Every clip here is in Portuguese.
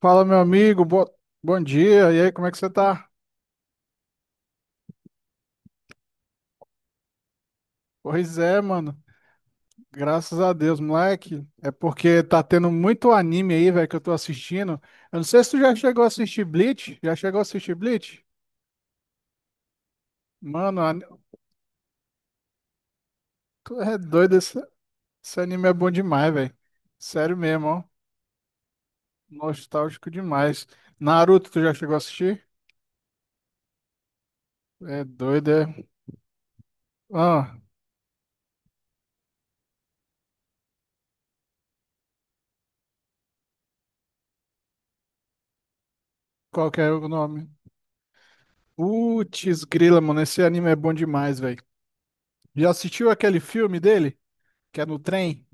Fala, meu amigo, bom dia. E aí, como é que você tá? Pois é, mano. Graças a Deus, moleque. É porque tá tendo muito anime aí, velho, que eu tô assistindo. Eu não sei se tu já chegou a assistir Bleach. Já chegou a assistir Bleach? Mano, an- Tu é doido. Esse anime é bom demais, velho. Sério mesmo, ó. Nostálgico demais. Naruto, tu já chegou a assistir? É doido, é. Ah, qual que é o nome? Putz, grila, mano. Esse anime é bom demais, velho. Já assistiu aquele filme dele? Que é no trem.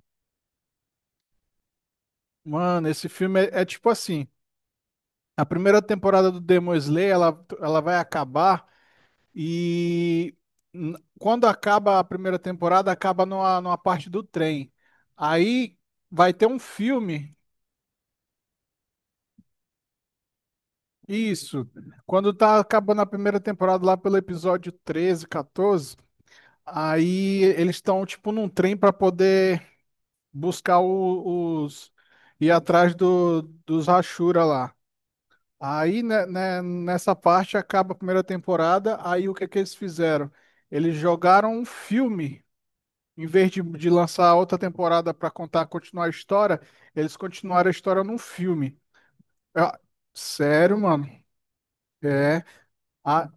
Mano, esse filme é tipo assim. A primeira temporada do Demon Slayer, ela vai acabar e quando acaba a primeira temporada, acaba numa parte do trem. Aí vai ter um filme, isso. Quando tá acabando a primeira temporada lá pelo episódio 13, 14, aí eles estão tipo num trem para poder buscar os, ir atrás dos Hashira lá. Aí, nessa parte acaba a primeira temporada, aí o que que eles fizeram? Eles jogaram um filme, em vez de lançar outra temporada para contar, continuar a história, eles continuaram a história num filme. Ah, sério, mano. É a,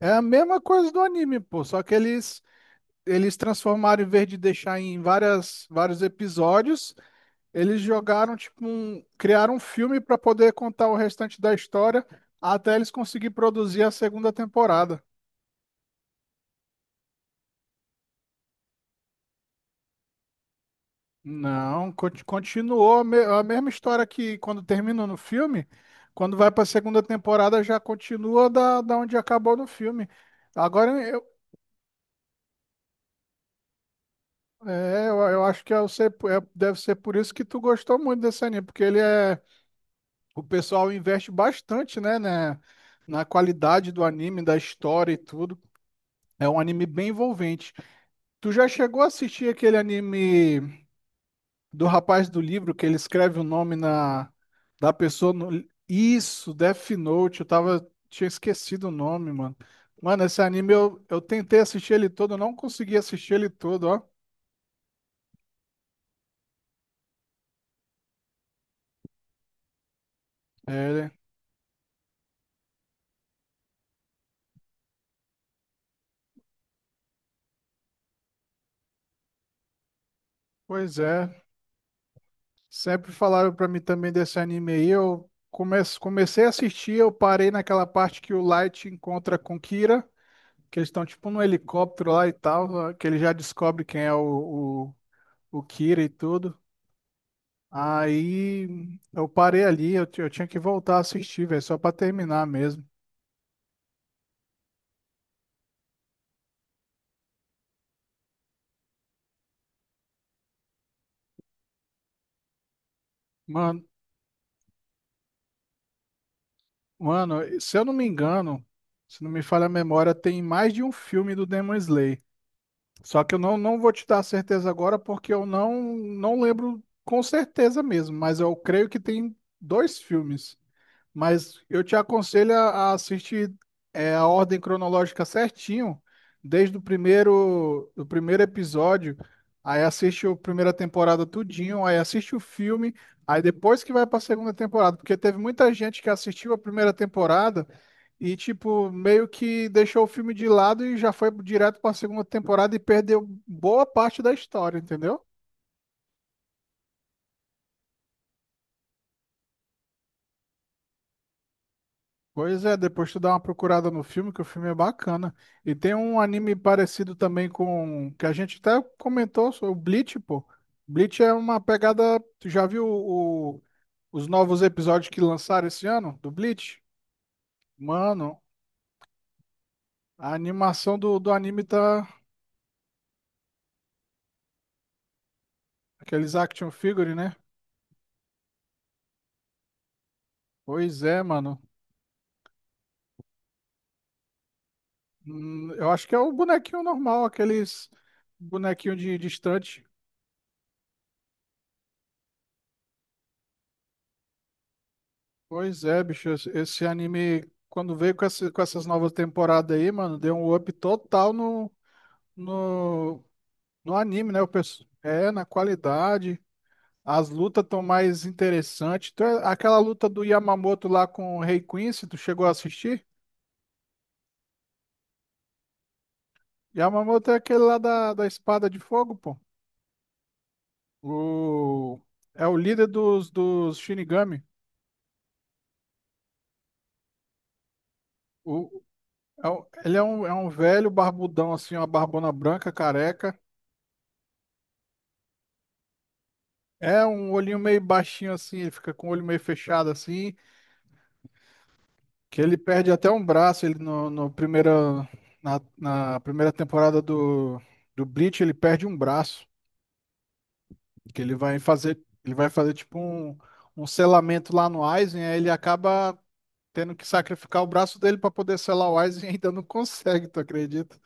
é a mesma coisa do anime, pô, só que eles transformaram, em vez de deixar em várias vários episódios. Eles jogaram, tipo, um, criaram um filme para poder contar o restante da história até eles conseguirem produzir a segunda temporada. Não, continuou a mesma história, que quando termina no filme, quando vai para a segunda temporada já continua da onde acabou no filme. Agora eu, é, eu acho que eu sei deve ser por isso que tu gostou muito desse anime, porque ele é, o pessoal investe bastante, na qualidade do anime, da história e tudo. É um anime bem envolvente. Tu já chegou a assistir aquele anime do rapaz do livro, que ele escreve o nome na, da pessoa no... Isso, Death Note, eu tava, tinha esquecido o nome, mano. Mano, esse anime eu tentei assistir ele todo, eu não consegui assistir ele todo, ó. É, pois é. Sempre falaram pra mim também desse anime aí, eu comecei a assistir, eu parei naquela parte que o Light encontra com Kira, que eles estão tipo num helicóptero lá e tal, que ele já descobre quem é o Kira e tudo. Aí eu parei ali, eu tinha que voltar a assistir, velho, só pra terminar mesmo. Mano, mano, se eu não me engano, se não me falha a memória, tem mais de um filme do Demon Slayer. Só que eu não vou te dar certeza agora porque eu não lembro com certeza mesmo, mas eu creio que tem dois filmes. Mas eu te aconselho a assistir é, a ordem cronológica certinho, desde o primeiro, do primeiro episódio, aí assiste a primeira temporada tudinho, aí assiste o filme, aí depois que vai para a segunda temporada, porque teve muita gente que assistiu a primeira temporada e, tipo, meio que deixou o filme de lado e já foi direto para a segunda temporada e perdeu boa parte da história, entendeu? Pois é, depois tu dá uma procurada no filme, que o filme é bacana. E tem um anime parecido também com, que a gente até comentou, sobre o Bleach, pô. Bleach é uma pegada. Tu já viu os novos episódios que lançaram esse ano do Bleach? Mano, a animação do anime tá. Aqueles action figure, né? Pois é, mano. Eu acho que é o bonequinho normal, aqueles bonequinho de estante. Pois é, bicho, esse anime, quando veio com, com essas novas temporadas aí, mano, deu um up total no, no anime, né? O pessoal, é, na qualidade, as lutas estão mais interessantes. Então, é aquela luta do Yamamoto lá com o Rei Quincy, tu chegou a assistir? Yamamoto é aquele lá da Espada de Fogo, pô. O, é o líder dos Shinigami. O, é ele é um velho barbudão, assim, uma barbona branca, careca. É um olhinho meio baixinho assim, ele fica com o olho meio fechado assim, que ele perde até um braço, ele no, no primeira, na, na primeira temporada do Bleach, ele perde um braço, que ele vai fazer tipo um, um selamento lá no Aizen, aí ele acaba tendo que sacrificar o braço dele pra poder selar o Aizen e ainda não consegue, tu acredita?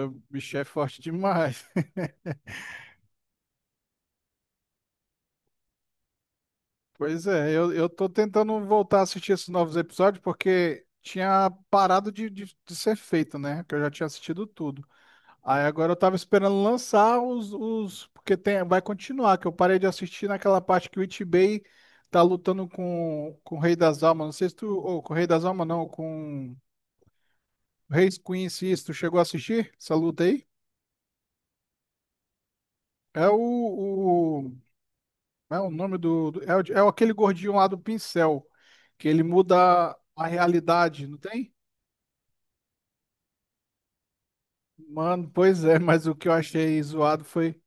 O bicho é forte demais. Pois é, eu tô tentando voltar a assistir esses novos episódios porque tinha parado de ser feito, né? Que eu já tinha assistido tudo. Aí agora eu tava esperando lançar os, porque tem, vai continuar, que eu parei de assistir naquela parte que o Itbay tá lutando com o Rei das Almas. Não sei se tu, ou com o Rei das Almas não, com o Rei Queen, se isso, tu chegou a assistir essa luta aí? É o, como é o nome é, é aquele gordinho lá do pincel, que ele muda a realidade, não tem? Mano, pois é, mas o que eu achei zoado foi.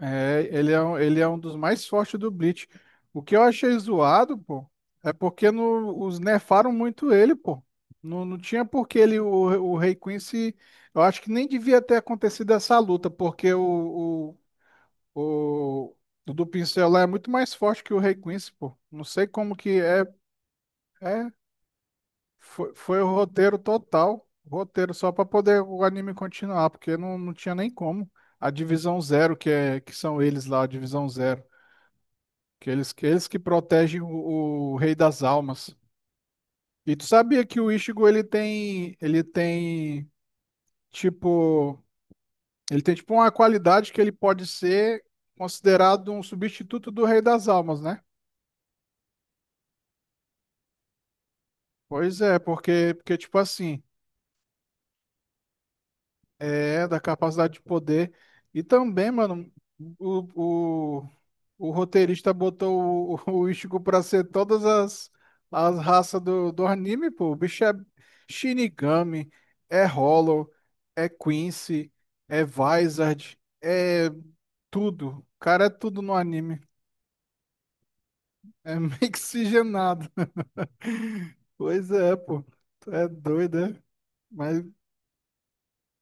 Ele é, ele é um dos mais fortes do Bleach. O que eu achei zoado, pô, é porque no, os nerfaram muito ele, pô. Não tinha por que ele, o Rei Quincy. Eu acho que nem devia ter acontecido essa luta, porque o, o do pincel lá é muito mais forte que o Rei Quincy, pô. Não sei como que é. É, foi o roteiro total, roteiro só para poder o anime continuar, porque não tinha nem como. A Divisão Zero, que é que são eles lá, a Divisão Zero, que eles que, eles que protegem o Rei das Almas. E tu sabia que o Ichigo tipo ele tem tipo uma qualidade que ele pode ser considerado um substituto do Rei das Almas, né? Pois é, porque porque tipo assim, é da capacidade de poder e também, mano, o, o- o roteirista botou o Ichigo pra ser todas as raças do anime, pô. O bicho é Shinigami, é Hollow, é Quincy, é Vizard, é tudo. O cara é tudo no anime. É mixigenado. Pois é, pô. Tu é doido, é? Mas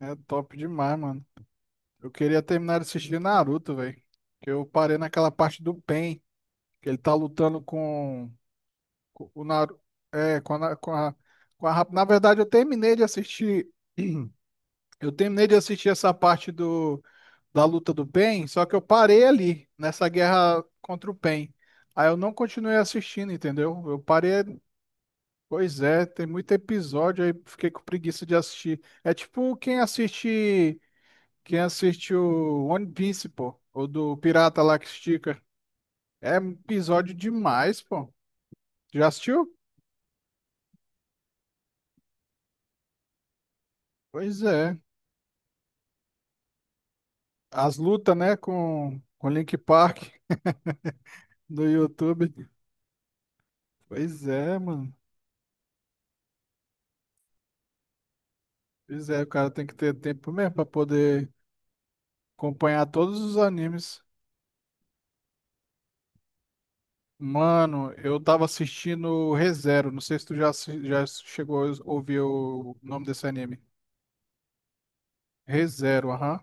é top demais, mano. Eu queria terminar de assistir Naruto, velho. Que eu parei naquela parte do Pain, que ele tá lutando com. Co- O Naru... É, com a, Na- com a... rap- na verdade, eu terminei de assistir. Eu terminei de assistir essa parte da luta do Pain, só que eu parei ali, nessa guerra contra o Pain. Aí eu não continuei assistindo, entendeu? Eu parei. Pois é, tem muito episódio, aí fiquei com preguiça de assistir. É tipo quem assiste. Quem assiste o One Piece, pô. Ou do Pirata lá que estica. É episódio demais, pô. Já assistiu? Pois é. As lutas, né, com Link Park no YouTube. Pois é, mano. Pois é, o cara tem que ter tempo mesmo pra poder acompanhar todos os animes. Mano, eu tava assistindo o ReZero. Não sei se tu já, já chegou a ouvir o nome desse anime. ReZero, aham.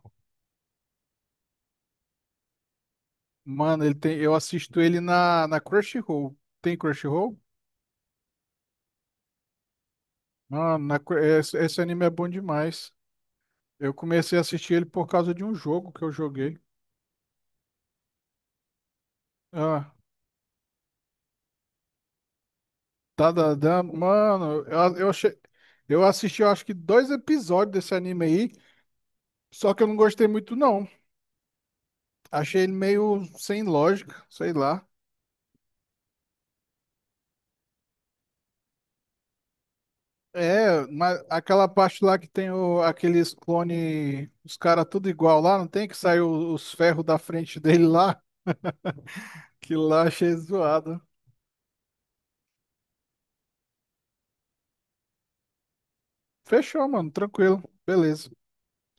Mano, ele tem, eu assisto ele na Crunchyroll. Tem Crunchyroll? Esse, esse anime é bom demais. Eu comecei a assistir ele por causa de um jogo que eu joguei. Ah, tadadã, mano, eu achei. Eu assisti, eu acho que dois episódios desse anime aí, só que eu não gostei muito, não. Achei ele meio sem lógica, sei lá. É, mas aquela parte lá que tem o, aqueles clone, os caras tudo igual lá, não tem que sair os ferros da frente dele lá? Que lá achei zoado. Fechou, mano, tranquilo, beleza.